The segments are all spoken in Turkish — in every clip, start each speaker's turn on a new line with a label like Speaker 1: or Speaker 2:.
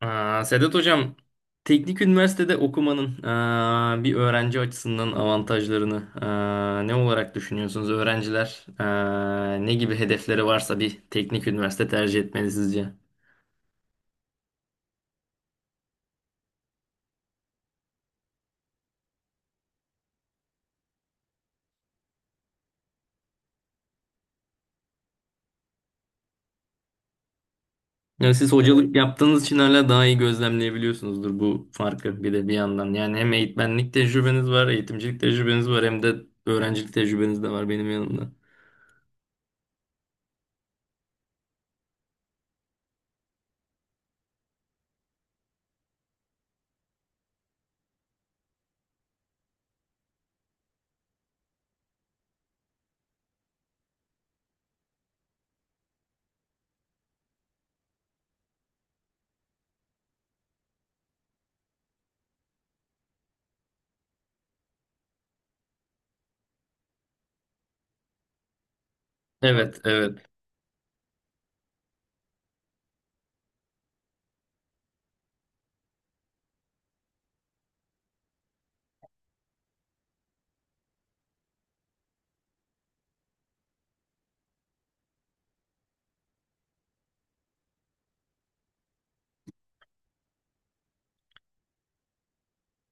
Speaker 1: Sedat Hocam, teknik üniversitede okumanın bir öğrenci açısından avantajlarını, ne olarak düşünüyorsunuz? Öğrenciler ne gibi hedefleri varsa bir teknik üniversite tercih etmeli sizce? Yani siz, hocalık yaptığınız için hala daha iyi gözlemleyebiliyorsunuzdur bu farkı bir de bir yandan. Yani hem eğitmenlik tecrübeniz var, eğitimcilik tecrübeniz var, hem de öğrencilik tecrübeniz de var benim yanımda. Evet, evet.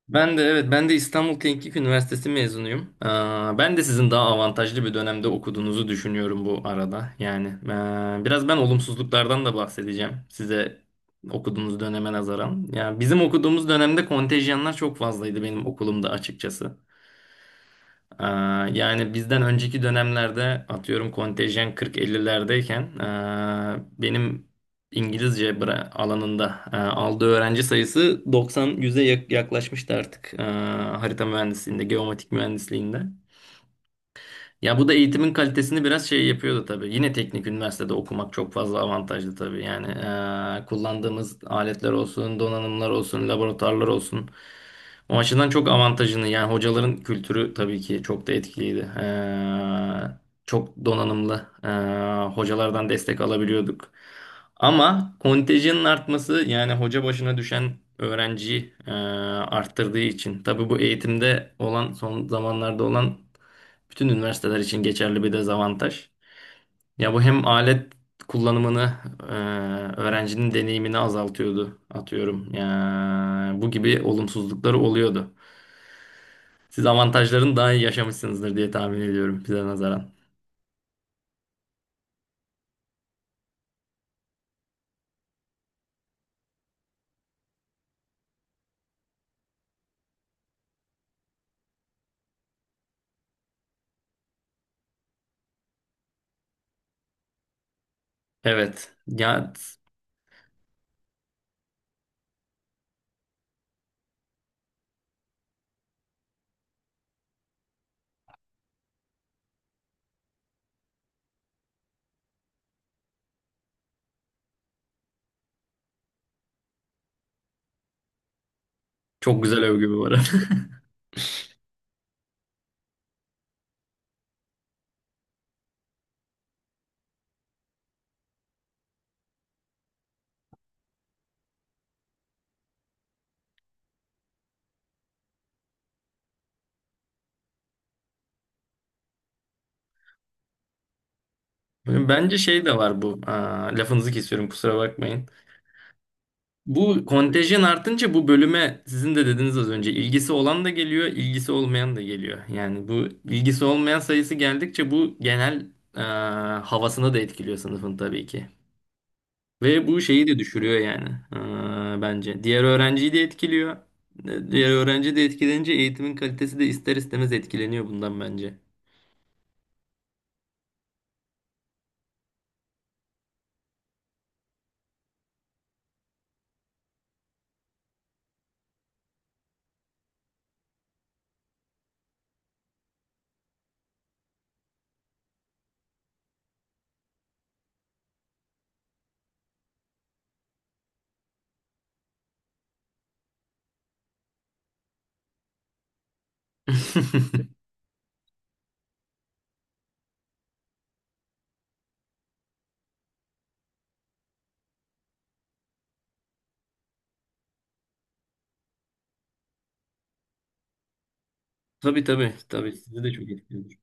Speaker 1: Ben de evet, ben de İstanbul Teknik Üniversitesi mezunuyum. Ben de sizin daha avantajlı bir dönemde okuduğunuzu düşünüyorum bu arada. Yani biraz ben olumsuzluklardan da bahsedeceğim size okuduğunuz döneme nazaran. Yani bizim okuduğumuz dönemde kontenjanlar çok fazlaydı benim okulumda açıkçası. Yani bizden önceki dönemlerde atıyorum kontenjan 40-50'lerdeyken, benim alanında aldığı öğrenci sayısı 90-100'e yaklaşmıştı artık, harita mühendisliğinde, geomatik mühendisliğinde. Ya bu da eğitimin kalitesini biraz şey yapıyordu tabii. Yine teknik üniversitede okumak çok fazla avantajlı tabii. Yani kullandığımız aletler olsun, donanımlar olsun, laboratuvarlar olsun. O açıdan çok avantajını, yani hocaların kültürü tabii ki çok da etkiliydi. Çok donanımlı hocalardan destek alabiliyorduk. Ama kontenjanın artması, yani hoca başına düşen öğrenciyi arttırdığı için. Tabii bu eğitimde olan, son zamanlarda olan bütün üniversiteler için geçerli bir dezavantaj. Ya bu hem alet kullanımını, e, öğrencinin deneyimini azaltıyordu atıyorum. Ya, bu gibi olumsuzlukları oluyordu. Siz avantajlarını daha iyi yaşamışsınızdır diye tahmin ediyorum bize nazaran. Evet. Ya çok güzel övgü bu arada. Bence şey de var bu. Lafınızı kesiyorum, kusura bakmayın. Bu kontenjan artınca bu bölüme, sizin de dediniz az önce, ilgisi olan da geliyor, ilgisi olmayan da geliyor. Yani bu ilgisi olmayan sayısı geldikçe bu genel e, havasını da etkiliyor sınıfın tabii ki. Ve bu şeyi de düşürüyor yani, bence. Diğer öğrenciyi de etkiliyor. Diğer öğrenci de etkilenince eğitimin kalitesi de ister istemez etkileniyor bundan bence. Tabii, tabii, tabii, sizi de çok etkiliyor.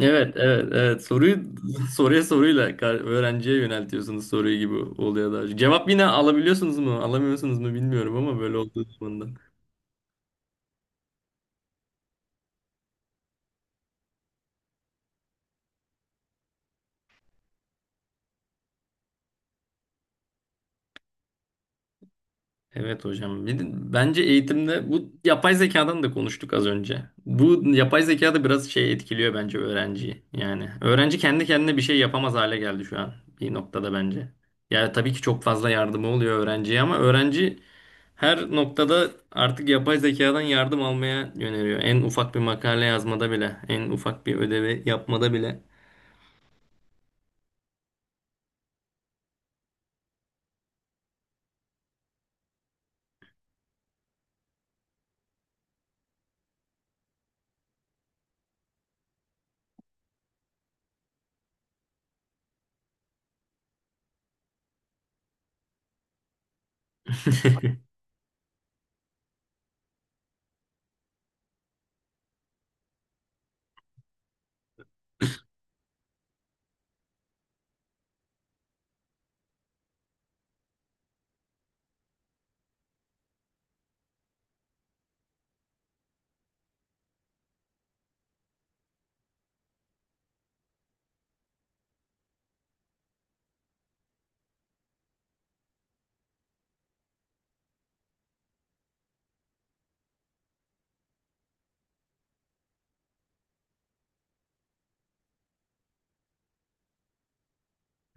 Speaker 1: Evet, evet, evet. Soruyu soruya öğrenciye yöneltiyorsunuz soruyu gibi oluyor daha çok. Cevap yine alabiliyorsunuz mu, alamıyorsunuz mu bilmiyorum ama böyle olduğu zaman. Evet hocam. Bir de bence eğitimde bu yapay zekadan da konuştuk az önce. Bu yapay zeka da biraz şey etkiliyor bence öğrenciyi. Yani öğrenci kendi kendine bir şey yapamaz hale geldi şu an bir noktada bence. Yani tabii ki çok fazla yardımı oluyor öğrenciye ama öğrenci her noktada artık yapay zekadan yardım almaya yöneliyor. En ufak bir makale yazmada bile, en ufak bir ödevi yapmada bile.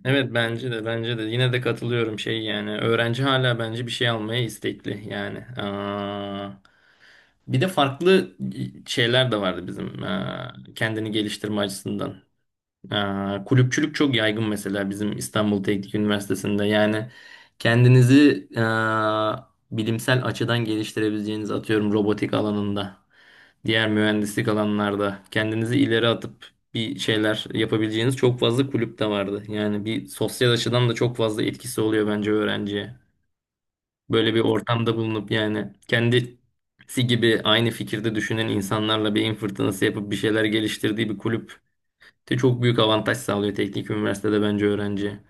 Speaker 1: Evet, bence de, bence de yine de katılıyorum şey, yani öğrenci hala bence bir şey almaya istekli yani. Bir de farklı şeyler de vardı bizim, kendini geliştirme açısından. Kulüpçülük çok yaygın mesela bizim İstanbul Teknik Üniversitesi'nde. Yani kendinizi bilimsel açıdan geliştirebileceğiniz, atıyorum robotik alanında, diğer mühendislik alanlarda kendinizi ileri atıp bir şeyler yapabileceğiniz çok fazla kulüp de vardı. Yani bir sosyal açıdan da çok fazla etkisi oluyor bence öğrenciye. Böyle bir ortamda bulunup yani kendisi gibi aynı fikirde düşünen insanlarla beyin fırtınası yapıp bir şeyler geliştirdiği bir kulüp de çok büyük avantaj sağlıyor teknik üniversitede bence öğrenciye.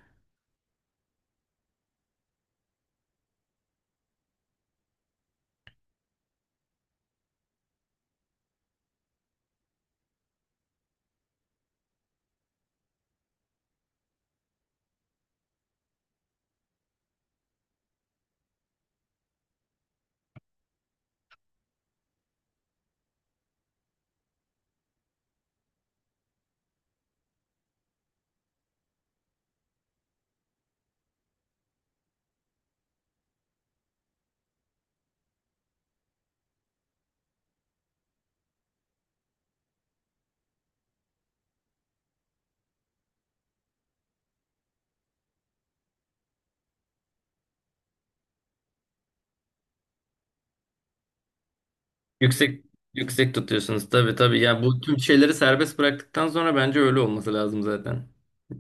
Speaker 1: Yüksek yüksek tutuyorsunuz, tabii tabii. Ya bu tüm şeyleri serbest bıraktıktan sonra bence öyle olması lazım zaten.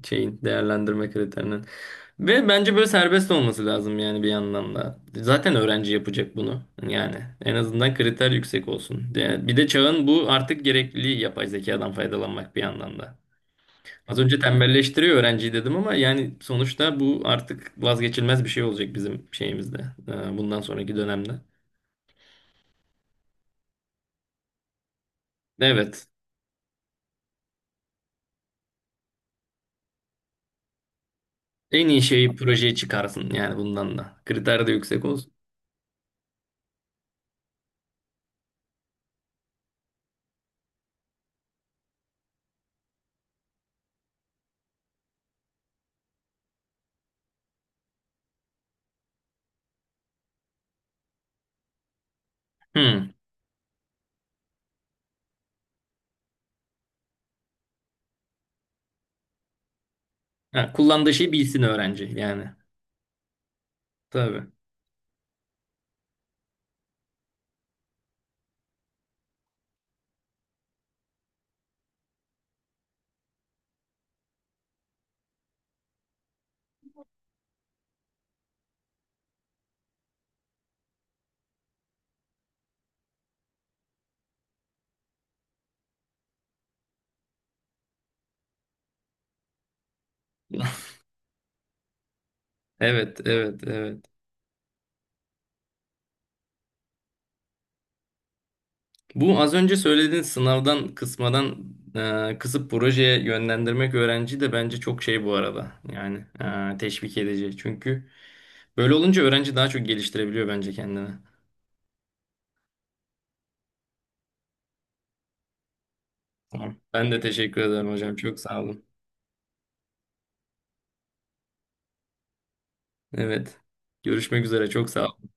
Speaker 1: Şeyin, değerlendirme kriterinin. Ve bence böyle serbest olması lazım yani bir yandan da. Zaten öğrenci yapacak bunu. Yani en azından kriter yüksek olsun. Yani bir de çağın bu artık gerekliliği yapay zekadan faydalanmak bir yandan da. Az önce tembelleştiriyor öğrenciyi dedim ama yani sonuçta bu artık vazgeçilmez bir şey olacak bizim şeyimizde. Bundan sonraki dönemde. Evet. En iyi şeyi projeye çıkarsın yani bundan da. Kriter de yüksek olsun. Hmm. Ha, kullandığı şeyi bilsin öğrenci yani. Tabii. Evet, evet, evet. Bu az önce söylediğin sınavdan kısmadan, kısıp projeye yönlendirmek öğrenci de bence çok şey bu arada. Yani teşvik edici. Çünkü böyle olunca öğrenci daha çok geliştirebiliyor bence kendini. Tamam. Ben de teşekkür ederim hocam. Çok sağ olun. Evet. Görüşmek üzere. Çok sağ olun.